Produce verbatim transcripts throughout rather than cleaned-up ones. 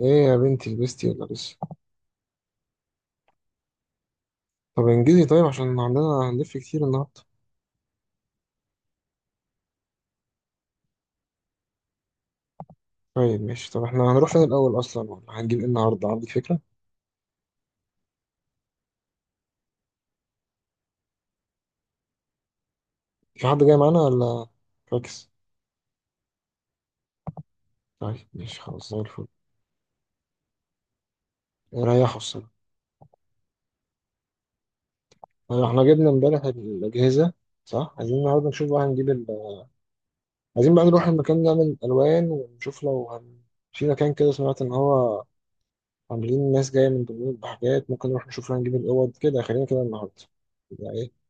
ايه يا بنتي، لبستي ولا لسه؟ طب انجزي، طيب عشان عندنا هنلف كتير النهارده. طيب ماشي، طب احنا هنروح فين الاول اصلا ولا هنجيب ايه النهارده، عندك فكره؟ في حد جاي معانا ولا؟ فاكس. طيب ماشي خلاص، زي الفل. ريحوا الصراحه. طيب احنا جبنا امبارح الاجهزه. صح، عايزين النهارده نشوف بقى هنجيب ال... عايزين بقى نروح المكان نعمل الوان ونشوف لو هن... في مكان كده سمعت ان هو عاملين ناس جايه من دمياط بحاجات، ممكن نروح نشوف لو هنجيب الاوض كده، خلينا كده النهارده. يعني ايه؟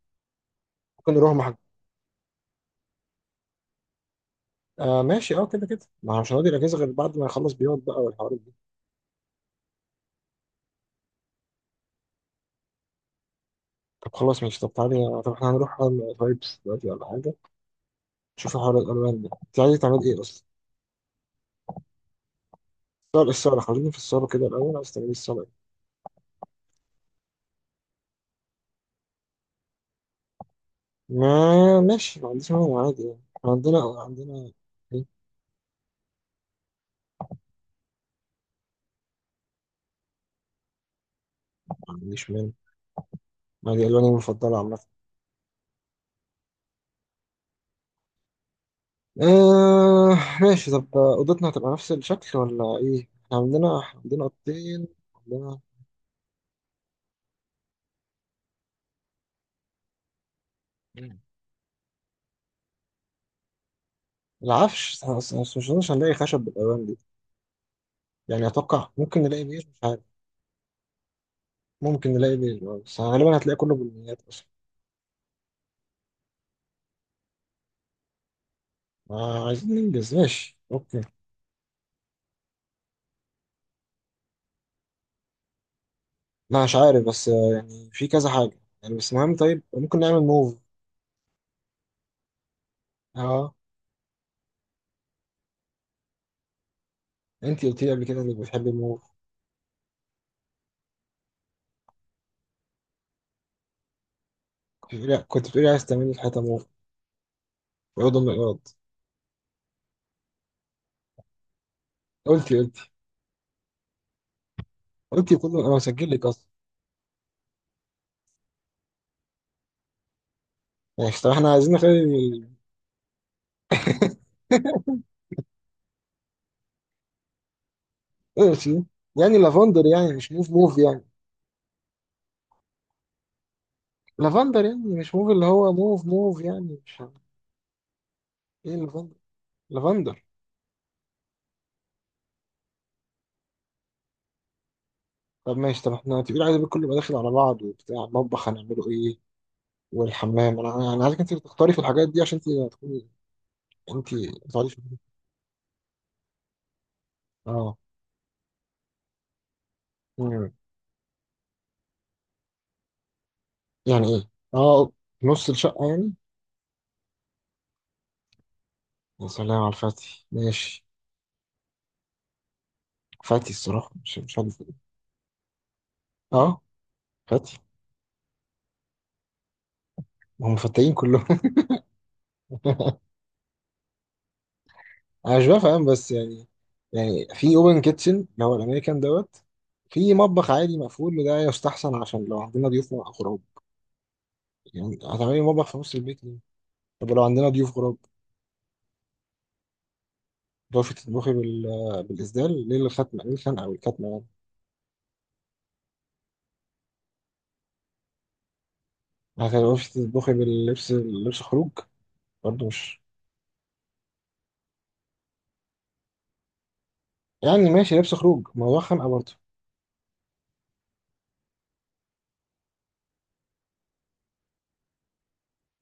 ممكن نروح مع آه ماشي، اه كده كده، ما هو مش هنقضي الاجازه غير بعد ما يخلص بيقعد بقى والحوارات دي. طب خلاص ماشي، طب تعالي، طب احنا هنروح على فايبس دلوقتي ولا حاجه؟ نشوف حوار الالوان ده، انت عايز تعمل ايه اصلا؟ الصاله الصاله، خلينا في الصاله كده الاول، عايز تعمل ايه الصاله إيه؟ ما ماشي، ما عنديش مانع عادي يعني، إحنا عندنا عندنا ايه. ما عنديش مانع، ما دي الواني المفضله عامه. آه ماشي، طب آه، اوضتنا هتبقى نفس الشكل ولا ايه؟ احنا عندنا عندنا اوضتين. عندنا مم. العفش بس، مش مش هنلاقي خشب بالالوان دي. يعني اتوقع ممكن نلاقي بير، مش عارف. ممكن نلاقي بير، آه، بس غالبا هتلاقي كله بالنيات اصلا. ما عايزين ننجز، ماشي اوكي. لا مش عارف بس، آه، يعني في كذا حاجه يعني، بس مهم. طيب ممكن نعمل موف. اه. انت قلت لي قبل كده انك بتحبي الموف. كنت بتقولي كنت بتقولي عايز تعملي الحيطه موف، ويضم من الارض. قلتي قلتي. قلتي كله، انا مسجل لك اصلا. يعني طب احنا عايزين نخلي ال- ماشي يعني. لافندر يعني، مش موف موف يعني. لافندر يعني مش موف اللي هو موف موف يعني، مش عارف. ايه لافندر. لافندر. طب ماشي، طب احنا تقيل، عايز كله يبقى داخل على بعض وبتاع. المطبخ هنعمله ايه؟ والحمام؟ انا يعني انا عايزك انت اللي تختاري في الحاجات دي عشان انت تكوني انت بتقعدي في البيت. اه. مم. يعني ايه؟ اه. نص الشقه يعني. يا سلام على الفتي، ماشي. فتي الصراحه، مش مش عارف إيه. اه. فتي. ما هم فتاين كلهم. انا مش بفهم، بس يعني، يعني في اوبن كيتشن اللي هو الامريكان دوت، في مطبخ عادي مقفول، وده يستحسن عشان لو عندنا ضيوف او غراب. يعني هتعملي مطبخ في نص البيت. طب لو عندنا ضيوف غراب، تعرفي تطبخي بال... بالإسدال؟ ليه الختمة؟ ليه الخنقة والكتمة يعني؟ ما هتعرفي تطبخي باللبس، لبس خروج، برضه مش يعني ماشي. لبس خروج، ما هو خنقة برضه.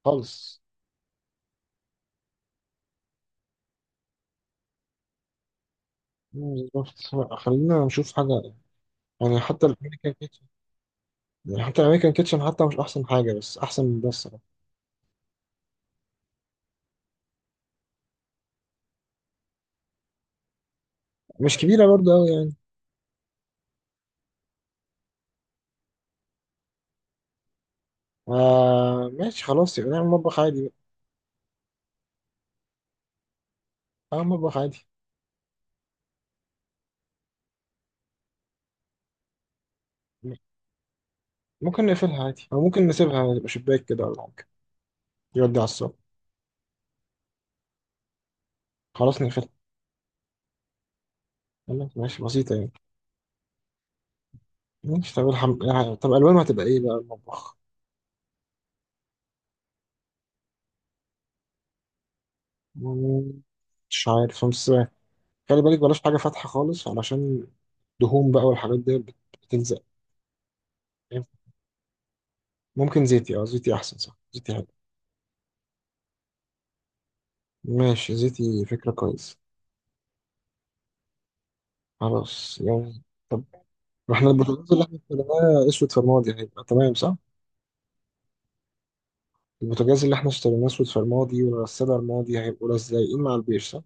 خالص. مم، بالظبط. لأ، خلينا نشوف حاجة. يعني حتى الأمريكان كيتشن، يعني حتى الأمريكان كيتشن حتى مش أحسن حاجة، بس أحسن من ده الصراحة. مش كبيرة برضه أوي يعني. آه ماشي خلاص، يبقى نعمل مطبخ عادي بقى. أه، مطبخ عادي. م- ممكن نقفلها عادي، أو ممكن نسيبها تبقى شباك كده ولا حاجة، يودي على الصبح. خلاص نقفلها. يلا، ماشي، بسيطة يعني. ماشي. طب الحمد يعني. طب ألوانه هتبقى إيه بقى المطبخ؟ مم، مش عارف بس، خلي بالك بلاش حاجة فاتحة خالص علشان دهون بقى والحاجات دي بت- بتلزق. ممكن زيتي، اه زيتي أحسن، صح، زيتي حلو. ماشي، زيتي فكرة كويسة. خلاص يعني. طب ما احنا البوتاجاز اللي احنا اشتريناه اسود فرمادي، هيبقى تمام صح؟ البوتاجاز اللي احنا اشتريناه اسود فرمادي، والغسالة الماضي، هيبقوا لازقين مع البيش صح؟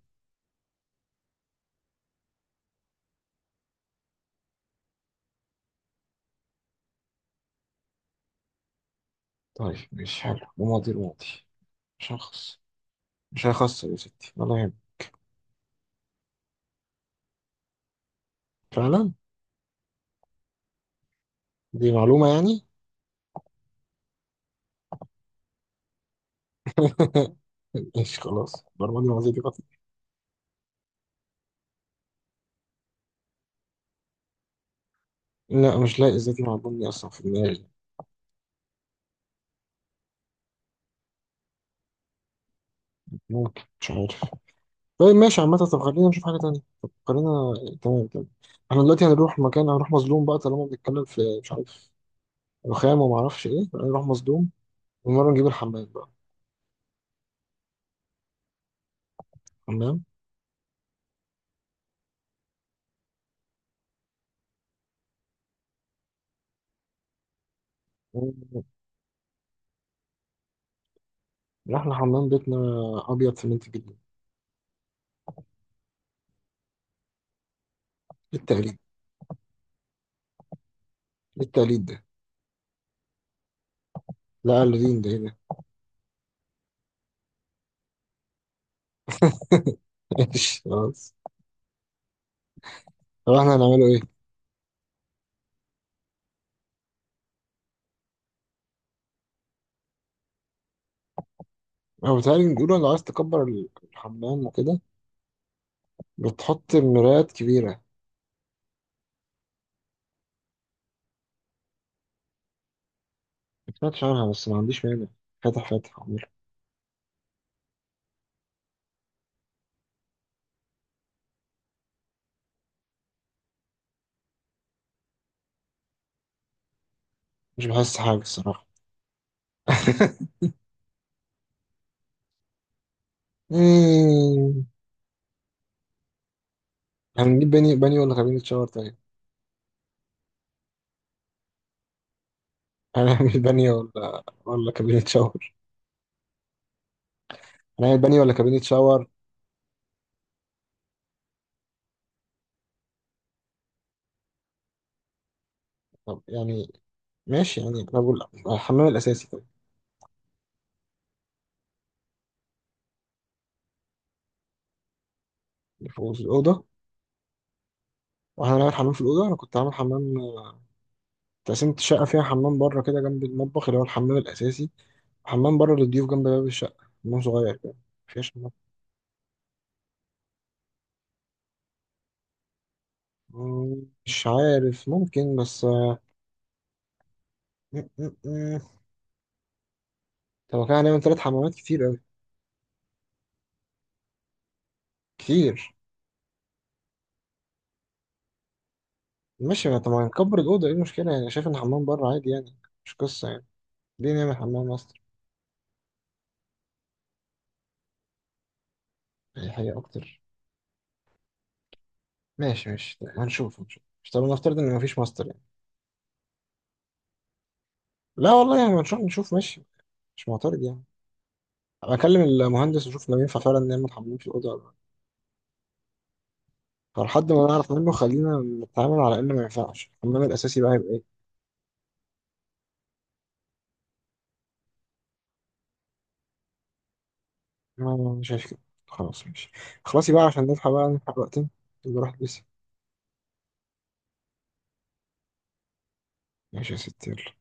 طيب ماشي حلو، رمادي رمادي، مش هخص. مش هيخسر يا ستي، ولا يهمك. فعلا. دي معلومة يعني. ماشي خلاص، برمجة لغزية دي قطع. لا مش لاقي ازاي دي معلومة أصلا في دماغي. ممكن، مش عارف. طيب ماشي عامة، طب خلينا نشوف حاجة تانية. طب خلينا. تمام تمام. احنا دلوقتي هنروح مكان، هنروح مظلوم بقى طالما بنتكلم في، مش عارف، رخام وما اعرفش ايه. هنروح مظلوم. المرة نجيب الحمام بقى. حمام. رحنا حمام بيتنا، أبيض سمنت جدا. إيه التقليد؟ إيه التقليد ده؟ لا قلدين، ده ايه ده؟ ماشي خلاص. طب احنا هنعمله ايه؟ هو بيتهيألي نقوله لو عايز تكبر الحمام وكده، بتحط مرايات كبيرة. ما سمعتش عنها، بس ما عنديش مانع. فاتح فاتح عمري. مش بحس حاجة الصراحة. مم. هنجيب باني باني ولا كابينة شاور طيب؟ هنعمل باني ولا ولا كابينة شاور؟ هنعمل باني ولا كابينة شاور؟ طب يعني، ماشي يعني، أنا بقول الحمام الأساسي طيب، اللي فوق في الأوضة. وإحنا هنعمل حمام في الأوضة. أنا كنت عامل حمام، آه، تقسيمة الشقة فيها حمام بره كده جنب المطبخ اللي هو الحمام الأساسي، وحمام بره للضيوف جنب باب الشقة، حمام صغير كده. مفيهاش. مم، مش عارف، ممكن بس، آه، م- م- م. طب هو كان هنعمل تلات حمامات، كتير أوي. كتير. ماشي. ما طب ما نكبر الأوضة، إيه المشكلة يعني؟ شايف إن حمام بره عادي يعني، مش قصة يعني. ليه نعمل حمام ماستر؟ يعني حاجة أكتر. ماشي ماشي، طيب هنشوف هنشوف، مش طب نفترض إن مفيش ماستر يعني؟ لا والله يعني، هنشوف نشوف، ماشي. مش معترض يعني. بكلم المهندس وأشوف لو ينفع فعلا نعمل حمام في الأوضة ولا لأ. فلحد ما نعرف منه، خلينا نتعامل على إنه ما ينفعش. الحمام الأساسي بقى هيبقى إيه؟ أنا شايف كده. خلاص ماشي. خلاصي بقى عشان نلحق بقى، نلحق وقتنا. يبقى روح البسي. ماشي يا ستي، يلا.